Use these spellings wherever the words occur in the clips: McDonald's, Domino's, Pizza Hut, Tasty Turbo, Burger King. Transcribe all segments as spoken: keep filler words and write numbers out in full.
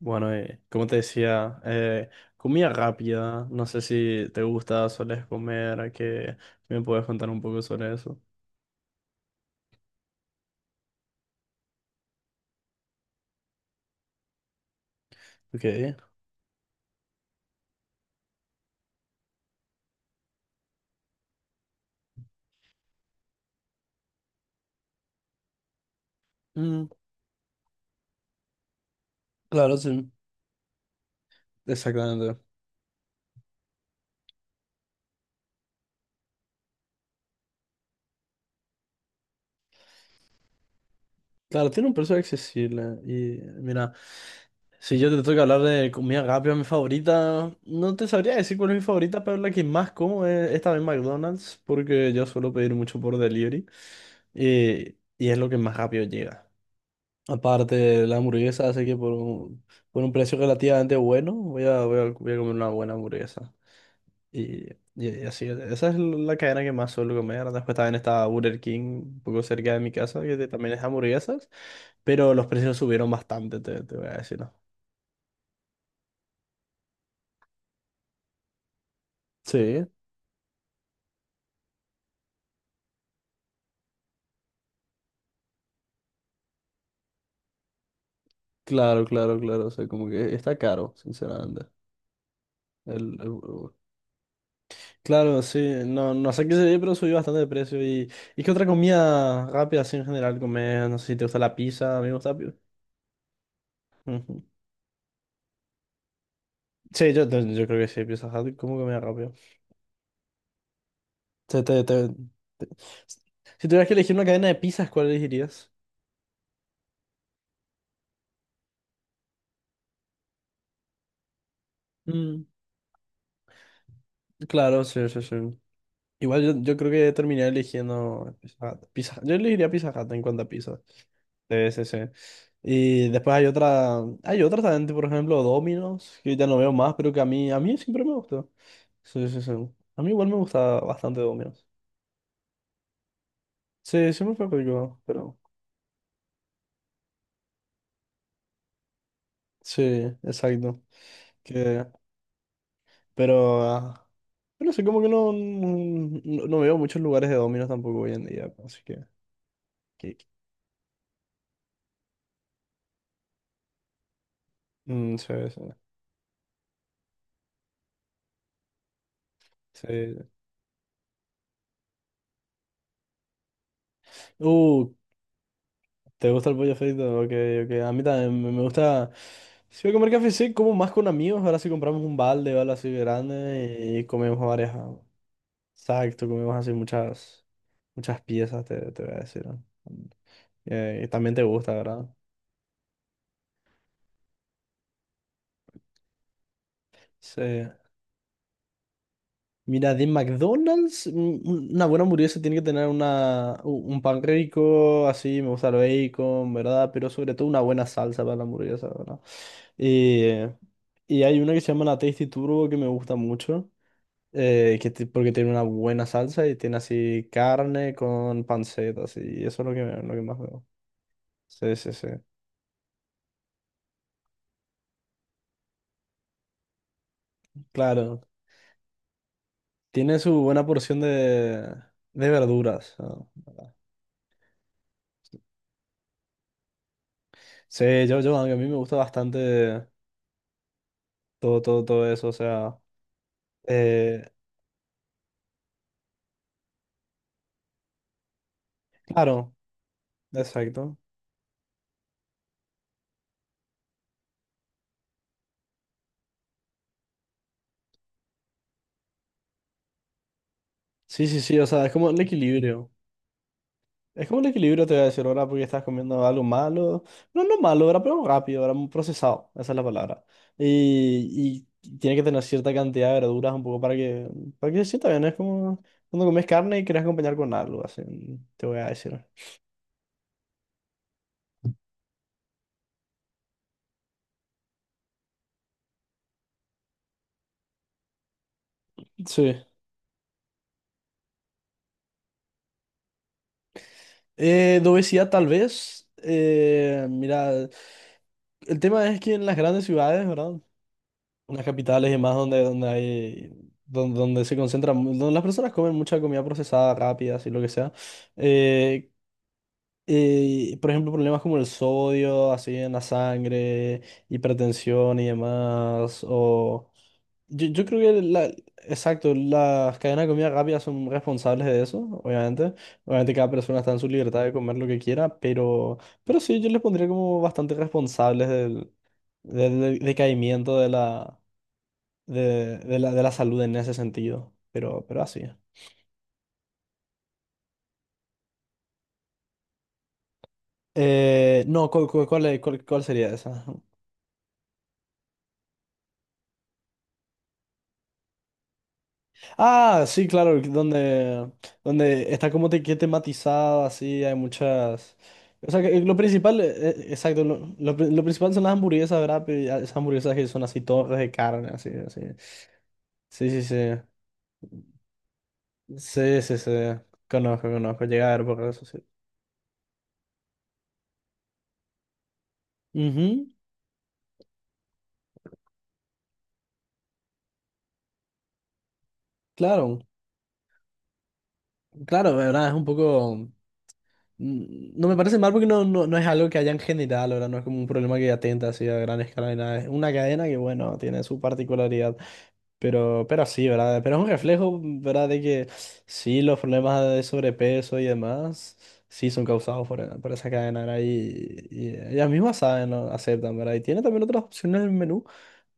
Bueno, eh, como te decía, eh, comida rápida, no sé si te gusta, sueles comer, que me puedes contar un poco sobre eso. Ok. Mm, claro, sí, exactamente. Claro, tiene un precio accesible y mira, si yo te tengo que hablar de comida rápida, mi favorita, no te sabría decir cuál es mi favorita, pero la que más como es esta vez McDonald's, porque yo suelo pedir mucho por delivery y, y es lo que más rápido llega. Aparte, la hamburguesa, hace que por un, por un precio relativamente bueno, voy a, voy a, voy a comer una buena hamburguesa. Y, y- y así, esa es la cadena que más suelo comer. Después también está Burger King, un poco cerca de mi casa, que te- también es hamburguesas, pero los precios subieron bastante, te, te voy a decir, ¿no? Sí, claro, claro, claro. O sea, como que está caro, sinceramente. El, el- burger. Claro, sí, no, no sé qué sería, pero subió bastante de precio. ¿Y, y qué otra comida rápida así en general comer? No sé si te gusta la pizza, a mí me gusta. Ujú. Sí, yo, te- yo creo que sí, Pizza Hut, ¿cómo que me da rápido? Te- te- te- te- Si tuvieras que elegir una cadena de pizzas, ¿cuál elegirías? Mm, claro, sí, sí, sí. Igual yo, yo creo que terminaría eligiendo Pizza Hut. Pizza- yo elegiría Pizza Hut en cuanto a pizza. Sí, sí, sí. Y después hay otra, hay otra también, tipo, por ejemplo, Domino's, que ya no veo más, pero que a mí, a mí siempre me gustó. Sí, sí, sí. A mí igual me gusta bastante Domino's. Sí, siempre fue rico, pero sí, exacto. Que Pero, ah, yo no sé, como que no, no, no veo muchos lugares de dominos tampoco hoy en día, así que... que- mm, sí, sí, sí. Uh, ¿te gusta el pollo frito? Ok, ok. A mí también me me gusta... Si voy a comer café, sí, como más con amigos. Ahora sí compramos un balde o algo así grande y comemos varias... ah, exacto, comemos así muchas, muchas piezas, te, te voy a decir. ¿No? Eh, y también te gusta, ¿verdad? Sí. Mira, de McDonald's, un- una buena hamburguesa tiene que tener una, u- un pan rico, así, me gusta el bacon, ¿verdad? Pero sobre todo una buena salsa para la hamburguesa, ¿verdad? Eh, y hay una que se llama la Tasty Turbo que me gusta mucho, eh, que ti- porque tiene una buena salsa y tiene así carne con panceta, así, y eso es lo que, me- lo que más veo. Sí, sí, sí. Claro, tiene su buena porción de, de verduras, ¿no? Sí, yo, yo, a mí me gusta bastante. Todo, todo, todo eso, o sea, eh, claro, exacto. Sí, sí, sí, o sea, es como el equilibrio. Es como el equilibrio, te voy a decir ahora, porque estás comiendo algo malo. No, no malo, ahora, pero rápido, ahora muy procesado, esa es la palabra. Y, y tiene que tener cierta cantidad de verduras un poco para que, para que se sienta bien. ¿No? Es como cuando comes carne y quieres acompañar con algo, así, te voy a decir. Sí. Eh, de obesidad, tal vez. Eh, mira, el tema es que en las grandes ciudades, ¿verdad? Unas capitales y más donde, donde hay, donde, donde se concentran, mu- donde las personas comen mucha comida procesada, rápida, así lo que sea. Eh, eh, por ejemplo, problemas como el sodio, así en la sangre, hipertensión y demás. O yo, yo creo que la, Exacto, las cadenas de comida rápida son responsables de eso, obviamente. Obviamente cada persona está en su libertad de comer lo que quiera, pero, pero sí, yo les pondría como bastante responsables del, del del decaimiento de la de, de la, de la salud en ese sentido, pero, pero así. Eh, no, ¿cuál, cuál, cuál es- cuál- cuál sería esa? Ah, sí, claro, donde, donde está como te, que tematizado, así, hay muchas... O sea, que lo principal, eh, eh, exacto, lo, lo pri- lo principal son las hamburguesas, ¿verdad? Pero ya esas hamburguesas que son así, torres de carne, así, así. Sí, sí, sí. Sí, sí, sí. Conozco, conozco. Llega a ver por redes sociales. Ujú. Claro, claro, ¿verdad? Es un poco. Mm, No me parece mal porque no, no, no es algo que haya en general, ¿verdad? No es como un problema que atenta así a gran escala ni nada. Es una cadena que, bueno, tiene su particularidad, pero, pero sí, ¿verdad? Pero es un reflejo, ¿verdad? De que sí, los problemas de sobrepeso y demás, sí son causados por, por esa cadena, ¿verdad? Y, y ellas mismas saben, ¿no? Aceptan, ¿verdad? Y tiene también otras opciones en el menú.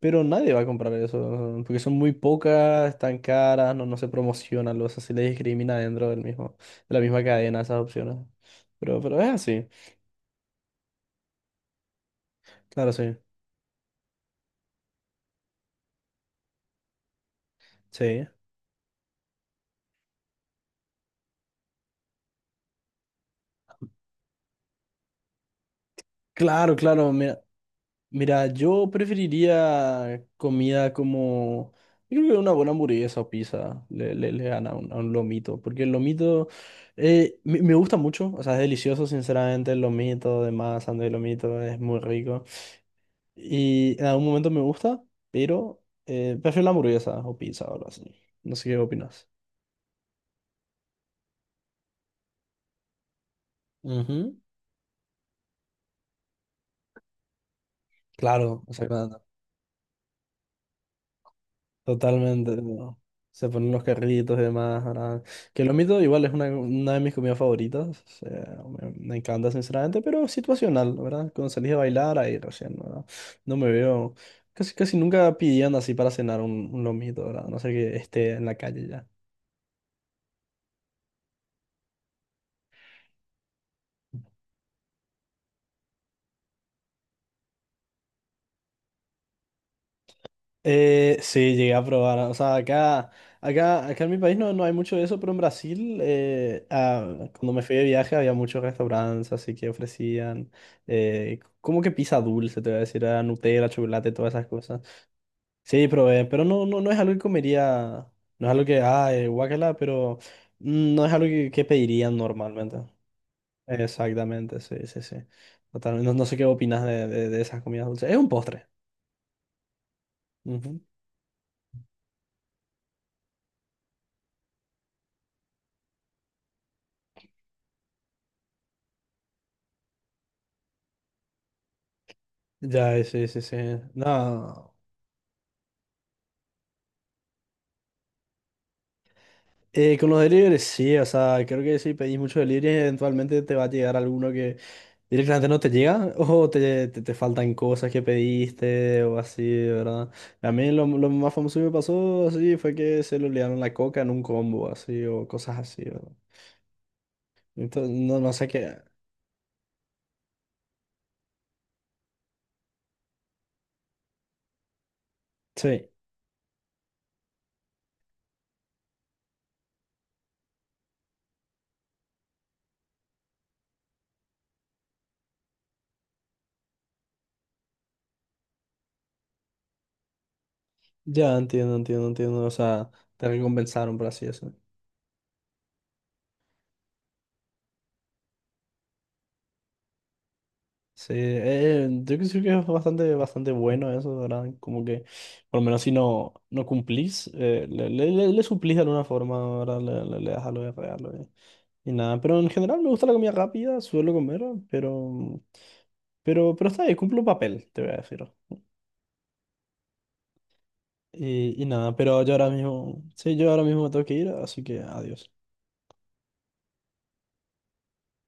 Pero nadie va a comprar eso, ¿no? Porque son muy pocas, están caras, no, no se promocionan, o sea, se les discrimina dentro del mismo, de la misma cadena esas opciones. Pero, pero es así, claro, sí, sí. Claro, claro, mira, mira, yo preferiría comida como, yo creo que una buena hamburguesa o pizza le, le, le gana a un, a un lomito, porque el lomito eh, me, me gusta mucho, o sea, es delicioso, sinceramente, el lomito, de masa, de lomito, es muy rico. Y en algún momento me gusta, pero eh, prefiero la hamburguesa o pizza o algo así. No sé qué opinas. Ujú. Claro, Eh, exactamente. Totalmente. ¿No? Se ponen los carritos y demás. ¿Verdad? Que lo mito igual es una, una de mis comidas favoritas. O sea, me, me encanta, sinceramente, pero situacional, ¿verdad? Cuando salís a bailar, ahí recién, ¿verdad? No me veo. Casi, casi nunca pidiendo así para cenar un, un lomito, ¿verdad? A no sé que esté en la calle ya. Eh, sí, llegué a probar. O sea, acá, acá, acá en mi país no, no hay mucho de eso, pero en Brasil, eh, ah, cuando me fui de viaje había muchos restaurantes así que ofrecían eh, como que pizza dulce, te voy a decir, ah, Nutella, chocolate, todas esas cosas. Sí, probé, pero no, no, no es algo que comería, no es algo que, ah, eh, guácala, pero mm, no es algo que, que pedirían normalmente. Exactamente, sí, sí, sí. Totalmente. No, no sé qué opinas de, de, de esas comidas dulces. Es un postre. Ya, eh, sí, sí, sí. No. Eh, con los deliveries, sí, o sea, creo que si pedís muchos deliveries, eventualmente te va a llegar alguno que directamente no te llega o te, te, te faltan cosas que pediste o así, ¿verdad? A mí lo, lo más famoso que me pasó así fue que se le olvidaron la coca en un combo, así, o cosas así, ¿verdad? Entonces, no, no sé qué. Sí, ya entiendo, entiendo, entiendo. O sea, te recompensaron por así eso. Sí, eh, yo creo que es bastante, bastante bueno eso, ¿verdad? Como que, por lo menos si no, no cumplís, eh, le, le, le- le suplís de alguna forma, ¿verdad? Le, le, le das algo de regalo eh, y nada. Pero en general me gusta la comida rápida, suelo comer, pero, pero, pero está bien, cumple un papel, te voy a decir. Y, y nada, pero yo ahora mismo, sí, yo ahora mismo me tengo que ir, así que adiós.